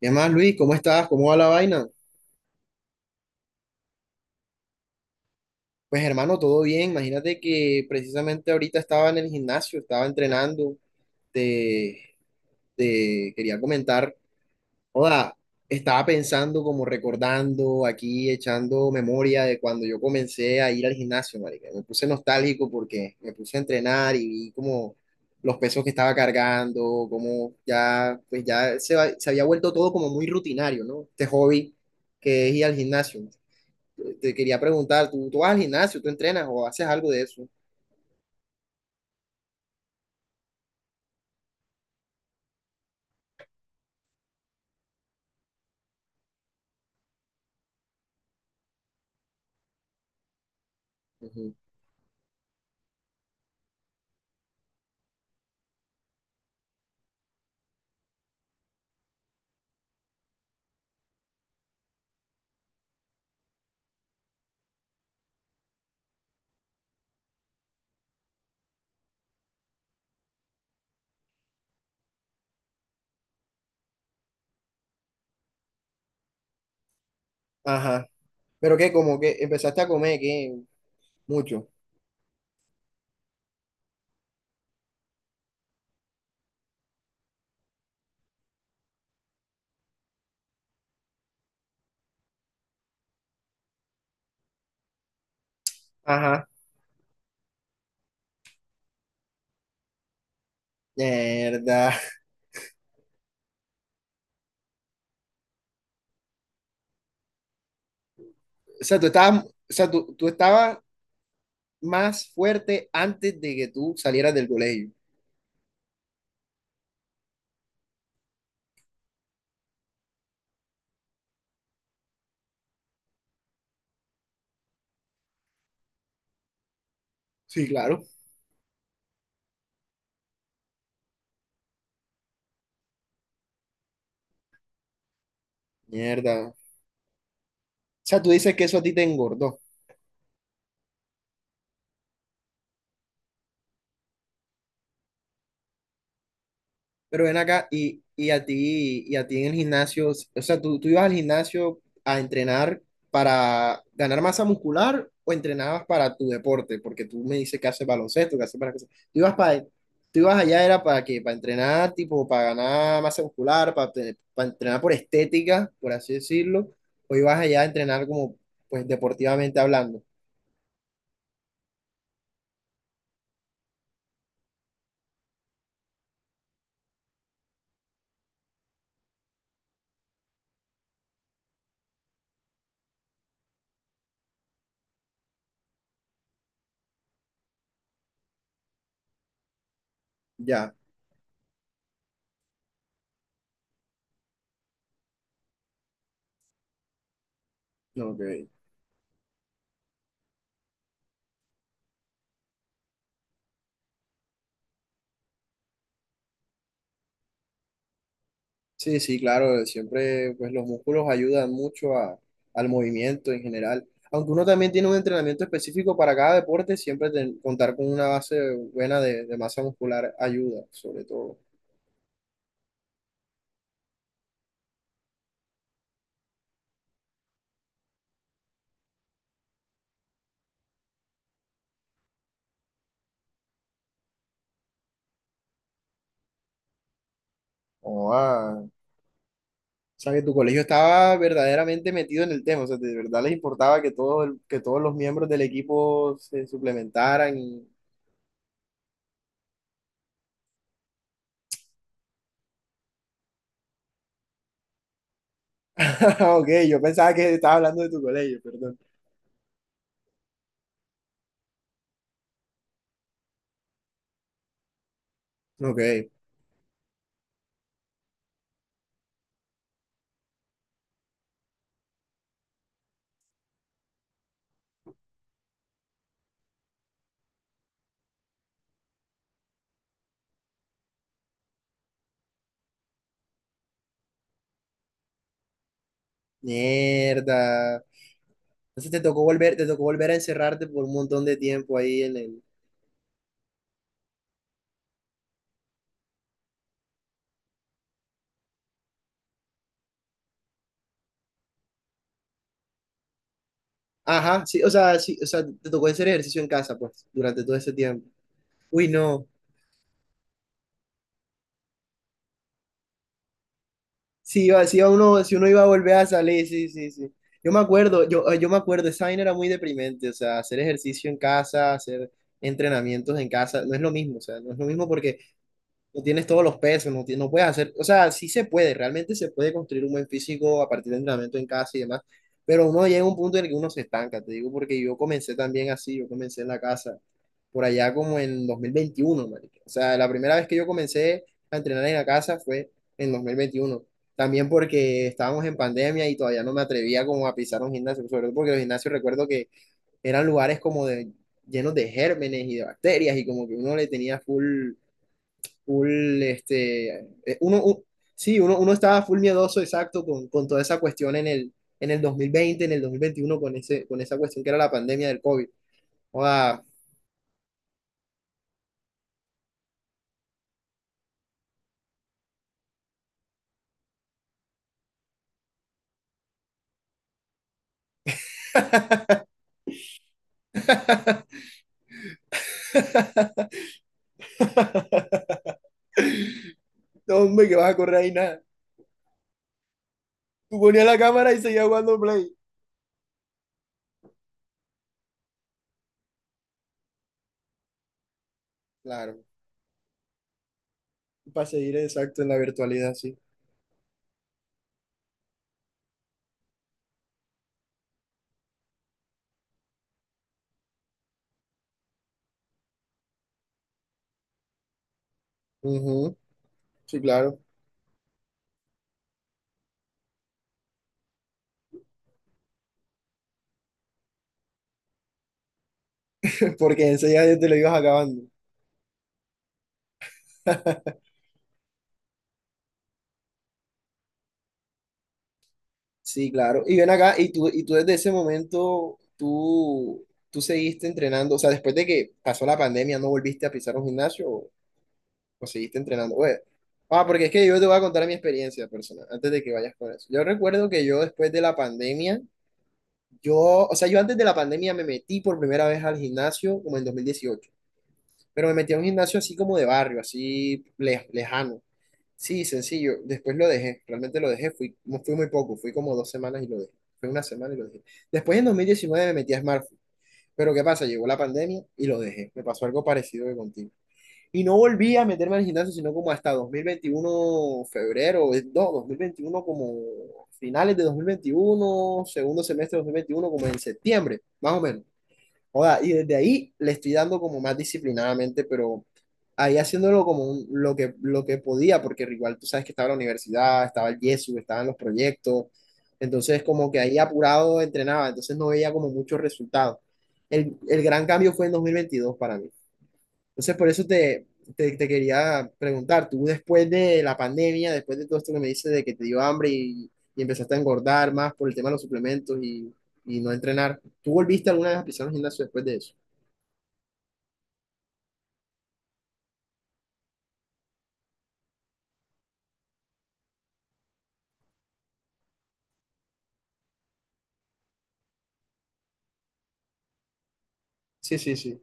¿Qué más, Luis? ¿Cómo estás? ¿Cómo va la vaina? Pues hermano, todo bien. Imagínate que precisamente ahorita estaba en el gimnasio, estaba entrenando. Te, te quería comentar, sea, estaba pensando, como recordando, aquí echando memoria de cuando yo comencé a ir al gimnasio, marica. Me puse nostálgico porque me puse a entrenar y vi como los pesos que estaba cargando, como ya, pues ya se había vuelto todo como muy rutinario, ¿no? Este hobby que es ir al gimnasio. Te quería preguntar, ¿tú vas al gimnasio, tú entrenas o haces algo de eso? Ujú. Ajá. Pero que como que empezaste a comer, que mucho. Ajá. Mierda. O sea, tú estabas, o sea, tú estabas más fuerte antes de que tú salieras del colegio. Sí, claro. Mierda. O sea, tú dices que eso a ti te engordó. Pero ven acá y a ti en el gimnasio, o sea, ¿tú ibas al gimnasio a entrenar para ganar masa muscular o entrenabas para tu deporte? Porque tú me dices que haces baloncesto, que haces para cosas. ¿Tú ibas allá era para qué? Para entrenar, tipo, para ganar masa muscular, para entrenar por estética, por así decirlo, o ibas allá a entrenar como, pues, deportivamente hablando. Ya, no, ok. Sí, sí, claro, siempre pues los músculos ayudan mucho al movimiento en general. Aunque uno también tiene un entrenamiento específico para cada deporte, siempre contar con una base buena de masa muscular ayuda, sobre todo. Oh, ah. O sea, que tu colegio estaba verdaderamente metido en el tema, o sea, de verdad les importaba que, que todos los miembros del equipo se suplementaran. Ok, yo pensaba que estaba hablando de tu colegio, perdón. Ok, mierda. Entonces te tocó volver a encerrarte por un montón de tiempo ahí en el... Ajá, sí, o sea, te tocó hacer ejercicio en casa, pues, durante todo ese tiempo. Uy, no. Sí, iba uno, si uno iba a volver a salir, sí, sí, sí. Yo me acuerdo, esa vaina era muy deprimente, o sea, hacer ejercicio en casa, hacer entrenamientos en casa, no es lo mismo, o sea, no es lo mismo porque no tienes todos los pesos, no, no puedes hacer, o sea, sí se puede, realmente se puede construir un buen físico a partir de entrenamiento en casa y demás, pero uno llega a un punto en el que uno se estanca, te digo, porque yo comencé también así, yo comencé en la casa, por allá como en 2021, marica. O sea, la primera vez que yo comencé a entrenar en la casa fue en 2021. También porque estábamos en pandemia y todavía no me atrevía como a pisar un gimnasio, sobre todo porque los gimnasios recuerdo que eran lugares como de, llenos de gérmenes y de bacterias y como que uno le tenía full full, este, uno, sí, uno estaba full miedoso, exacto, con toda esa cuestión en el 2020, en el 2021 con esa cuestión que era la pandemia del COVID. Joda. No, hombre, que vas a correr ahí nada. Tú ponías la cámara y seguías jugando Play. Claro, para seguir exacto en la virtualidad, sí. Ujú, sí, claro, porque enseguida ya te lo ibas acabando. Sí, claro. Y ven acá, y tú desde ese momento, tú seguiste entrenando, o sea, después de que pasó la pandemia, ¿no volviste a pisar un gimnasio o seguiste entrenando? Oye, ah, porque es que yo te voy a contar mi experiencia personal, antes de que vayas con eso. Yo recuerdo que yo después de la pandemia, yo, o sea, yo antes de la pandemia me metí por primera vez al gimnasio como en 2018, pero me metí a un gimnasio así como de barrio, así lejano. Sí, sencillo. Después lo dejé, realmente lo dejé. Fui, no fui muy poco, fui como dos semanas y lo dejé. Fue una semana y lo dejé. Después en 2019 me metí a Smartfood. Pero ¿qué pasa? Llegó la pandemia y lo dejé. Me pasó algo parecido que contigo. Y no volví a meterme al gimnasio, sino como hasta 2021, febrero, no, 2021, como finales de 2021, segundo semestre de 2021, como en septiembre, más o menos. Joda, y desde ahí le estoy dando como más disciplinadamente, pero ahí haciéndolo como lo que, podía, porque igual tú sabes que estaba la universidad, estaba el Yesu, estaban los proyectos, entonces como que ahí apurado entrenaba, entonces no veía como muchos resultados. El gran cambio fue en 2022 para mí. Entonces por eso te quería preguntar, tú después de la pandemia, después de todo esto que me dices de que te dio hambre y empezaste a engordar más por el tema de los suplementos y no entrenar, ¿tú volviste alguna vez a pisar un gimnasio después de eso? Sí, sí, sí.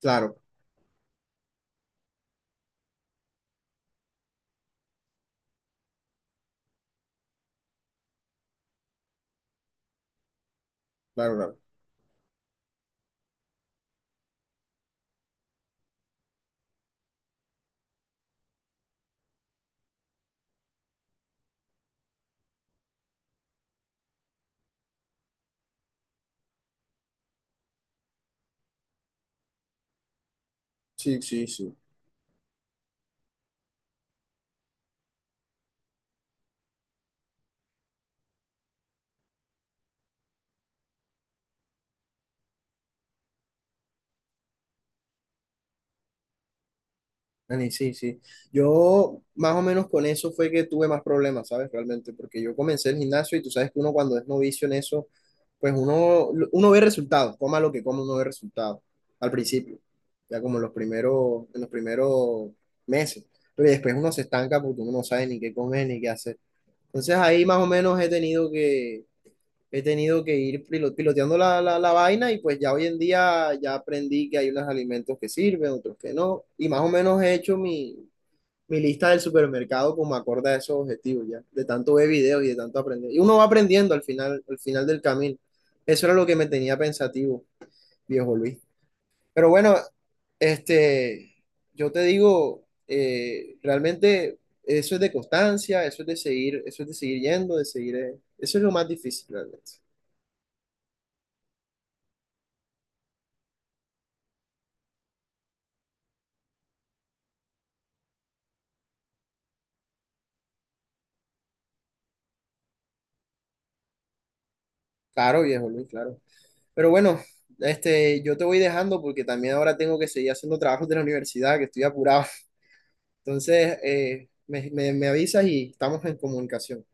Claro, claro, claro. Sí, sí, sí. Dani, sí, sí. Yo más o menos con eso fue que tuve más problemas, ¿sabes? Realmente, porque yo comencé el gimnasio y tú sabes que uno cuando es novicio en eso, pues uno ve resultados, coma lo que coma, uno ve resultados al principio, ya como en los primeros meses. Pero después uno se estanca porque uno no sabe ni qué comer ni qué hacer. Entonces ahí más o menos he tenido que ir piloteando la vaina y pues ya hoy en día ya aprendí que hay unos alimentos que sirven, otros que no. Y más o menos he hecho mi lista del supermercado como acorde a esos objetivos ya, de tanto ver videos y de tanto aprender. Y uno va aprendiendo al final del camino. Eso era lo que me tenía pensativo, viejo Luis. Pero bueno, este, yo te digo, realmente eso es de constancia, eso es de seguir, eso es de seguir yendo, de seguir, eso es lo más difícil realmente. Claro, viejo Luis, claro. Pero bueno, este, yo te voy dejando porque también ahora tengo que seguir haciendo trabajos de la universidad, que estoy apurado. Entonces, me avisas y estamos en comunicación.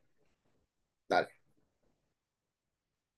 Dale.